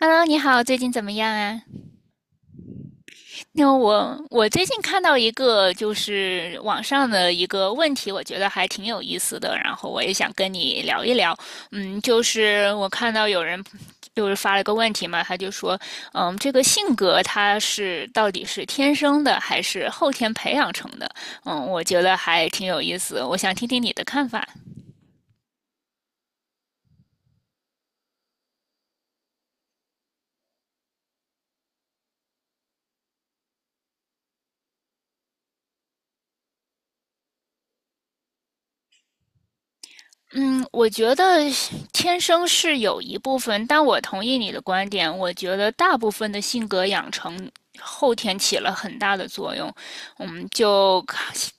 Hello，你好，最近怎么样啊？那我最近看到一个就是网上的一个问题，我觉得还挺有意思的，然后我也想跟你聊一聊。嗯，就是我看到有人就是发了个问题嘛，他就说，嗯，这个性格他是到底是天生的还是后天培养成的？嗯，我觉得还挺有意思，我想听听你的看法。嗯，我觉得天生是有一部分，但我同意你的观点。我觉得大部分的性格养成后天起了很大的作用。嗯，就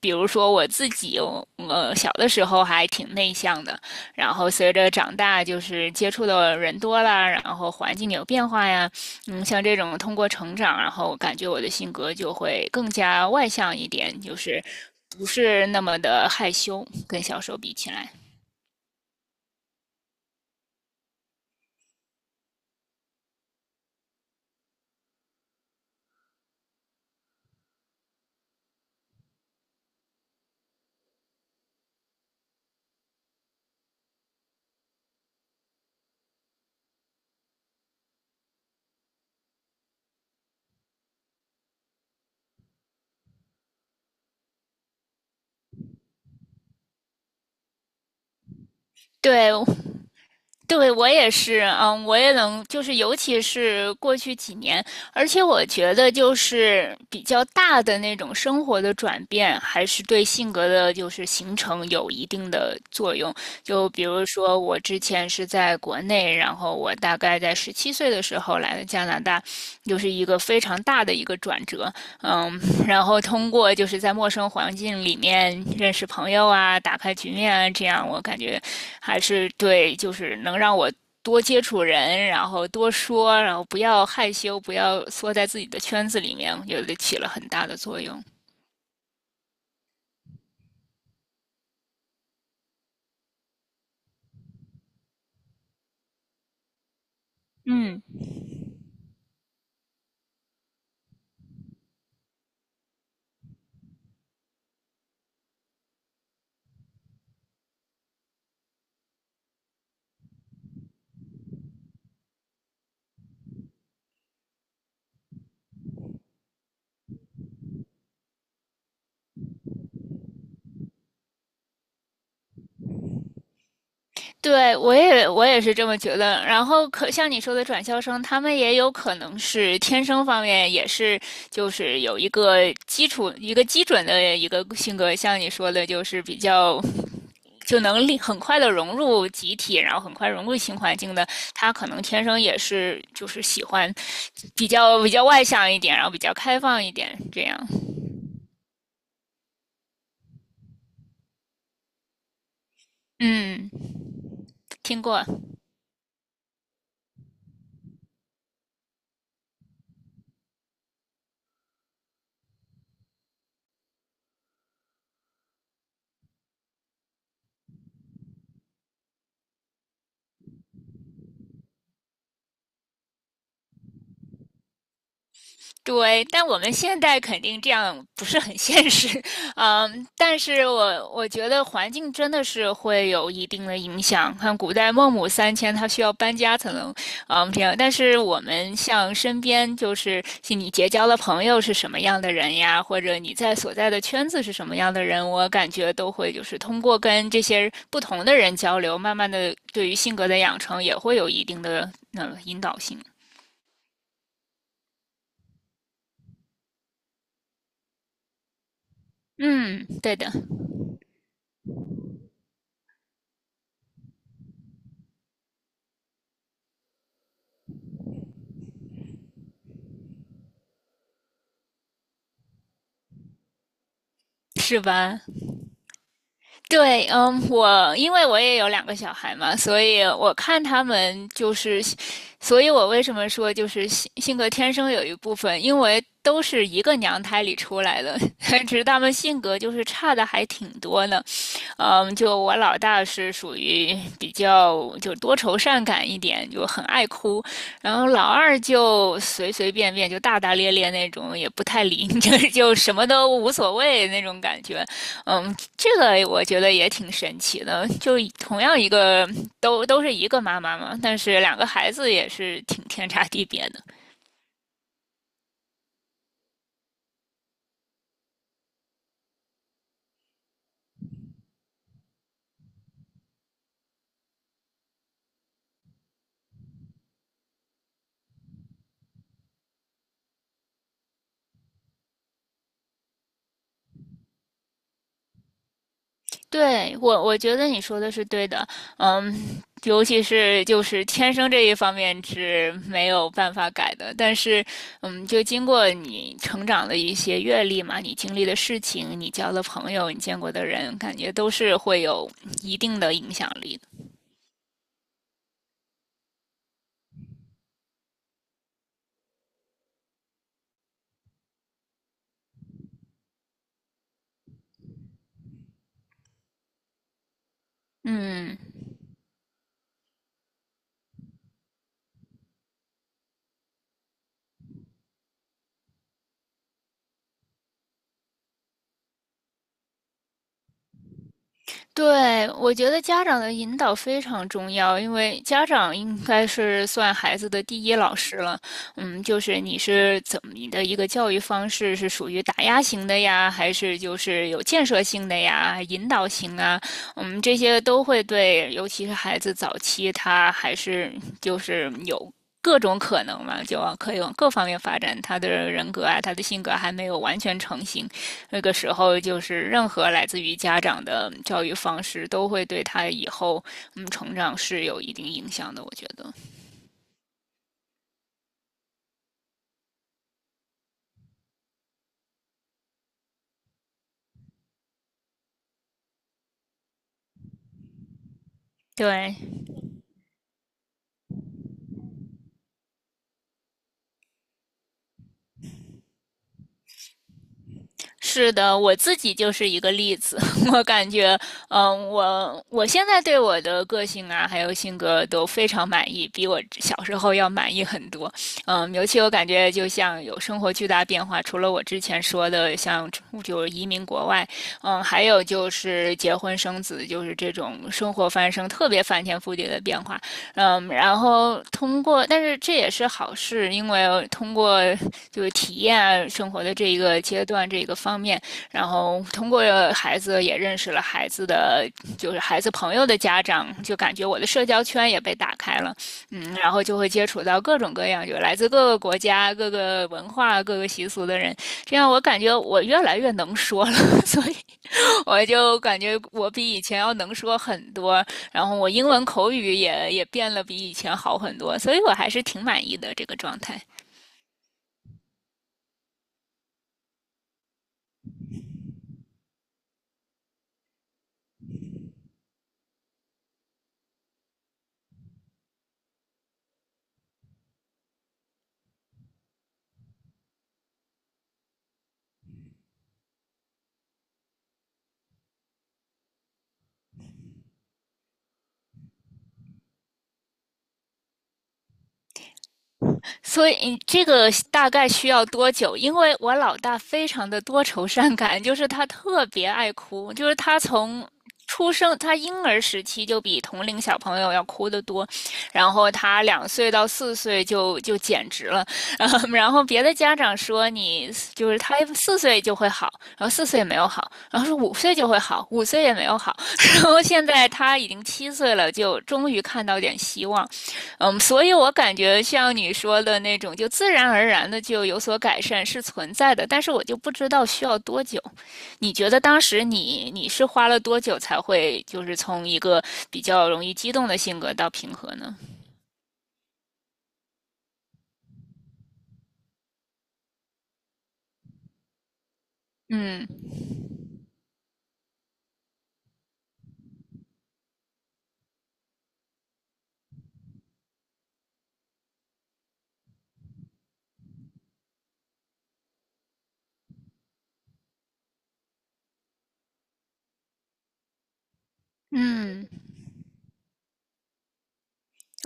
比如说我自己，我小的时候还挺内向的，然后随着长大，就是接触的人多了，然后环境有变化呀，嗯，像这种通过成长，然后感觉我的性格就会更加外向一点，就是不是那么的害羞，跟小时候比起来。对，对，我也是，嗯，我也能，就是尤其是过去几年，而且我觉得就是比较大的那种生活的转变，还是对性格的就是形成有一定的作用。就比如说我之前是在国内，然后我大概在17岁的时候来的加拿大，就是一个非常大的一个转折，嗯，然后通过就是在陌生环境里面认识朋友啊，打开局面啊，这样我感觉。还是对，就是能让我多接触人，然后多说，然后不要害羞，不要缩在自己的圈子里面，我觉得起了很大的作用。嗯，对，我也是这么觉得。然后可像你说的转校生，他们也有可能是天生方面也是就是有一个基础一个基准的一个性格，像你说的，就是比较就能力很快的融入集体，然后很快融入新环境的。他可能天生也是就是喜欢比较外向一点，然后比较开放一点这样。嗯，听过。对，但我们现在肯定这样不是很现实，嗯，但是我觉得环境真的是会有一定的影响。看古代孟母三迁，她需要搬家才能，嗯，这样。但是我们像身边就是是你结交的朋友是什么样的人呀，或者你在所在的圈子是什么样的人，我感觉都会就是通过跟这些不同的人交流，慢慢的对于性格的养成也会有一定的引导性。嗯，对的，是吧？对，嗯，我因为我也有2个小孩嘛，所以我看他们就是，所以我为什么说就是性性格天生有一部分，因为都是一个娘胎里出来的，只是他们性格就是差的还挺多呢。嗯，就我老大是属于比较就多愁善感一点，就很爱哭，然后老二就随随便便就大大咧咧那种，也不太理你，就什么都无所谓那种感觉。嗯，这个我觉得也挺神奇的，就同样一个都是一个妈妈嘛，但是2个孩子也是挺天差地别的。对，我觉得你说的是对的，嗯，尤其是就是天生这一方面是没有办法改的，但是，嗯，就经过你成长的一些阅历嘛，你经历的事情，你交的朋友，你见过的人，感觉都是会有一定的影响力的。嗯。对，我觉得家长的引导非常重要，因为家长应该是算孩子的第一老师了。嗯，就是你是怎么你的一个教育方式是属于打压型的呀，还是就是有建设性的呀、引导型啊？嗯，这些都会对，尤其是孩子早期他还是就是有。各种可能嘛，就可以往各方面发展。他的人格啊，他的性格还没有完全成型，那个时候，就是任何来自于家长的教育方式，都会对他以后成长是有一定影响的。我觉得，对，是的，我自己就是一个例子。我感觉，嗯，我现在对我的个性啊，还有性格都非常满意，比我小时候要满意很多。嗯，尤其我感觉，就像有生活巨大变化，除了我之前说的，像就是移民国外，嗯，还有就是结婚生子，就是这种生活翻生，特别翻天覆地的变化。嗯，然后通过，但是这也是好事，因为通过就是体验啊生活的这一个阶段这一个方面，然后通过孩子也认识了孩子的就是孩子朋友的家长，就感觉我的社交圈也被打开了，嗯，然后就会接触到各种各样就来自各个国家、各个文化、各个习俗的人，这样我感觉我越来越能说了，所以我就感觉我比以前要能说很多，然后我英文口语也变了比以前好很多，所以我还是挺满意的这个状态。所以你这个大概需要多久？因为我老大非常的多愁善感，就是他特别爱哭，就是他从出生，他婴儿时期就比同龄小朋友要哭得多，然后他2岁到4岁就简直了，嗯然后别的家长说你就是他四岁就会好，然后四岁也没有好，然后说五岁就会好，五岁也没有好，然后现在他已经7岁了，就终于看到点希望。嗯，所以我感觉像你说的那种，就自然而然的就有所改善是存在的，但是我就不知道需要多久。你觉得当时你是花了多久才会就是从一个比较容易激动的性格到平和呢？嗯嗯。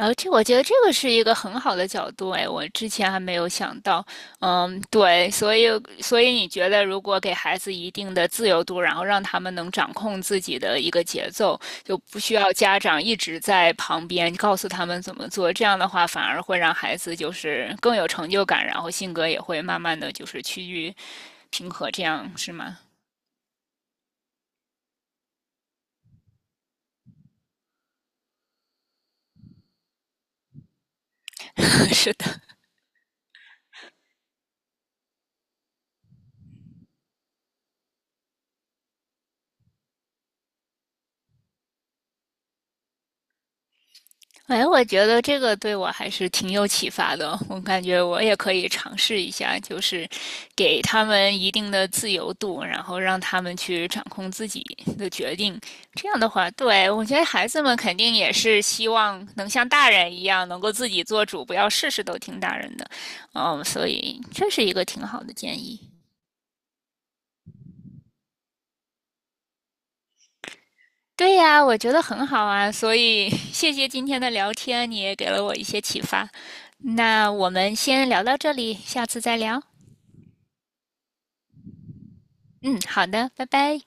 而且我觉得这个是一个很好的角度，哎，我之前还没有想到。嗯，对，所以所以你觉得，如果给孩子一定的自由度，然后让他们能掌控自己的一个节奏，就不需要家长一直在旁边告诉他们怎么做，这样的话反而会让孩子就是更有成就感，然后性格也会慢慢的就是趋于平和，这样是吗？是的，哎，我觉得这个对我还是挺有启发的。我感觉我也可以尝试一下，就是给他们一定的自由度，然后让他们去掌控自己的决定。这样的话，对，我觉得孩子们肯定也是希望能像大人一样，能够自己做主，不要事事都听大人的。嗯，所以这是一个挺好的建议。对呀，我觉得很好啊，所以 谢谢今天的聊天，你也给了我一些启发。那我们先聊到这里，下次再聊。嗯，好的，拜拜。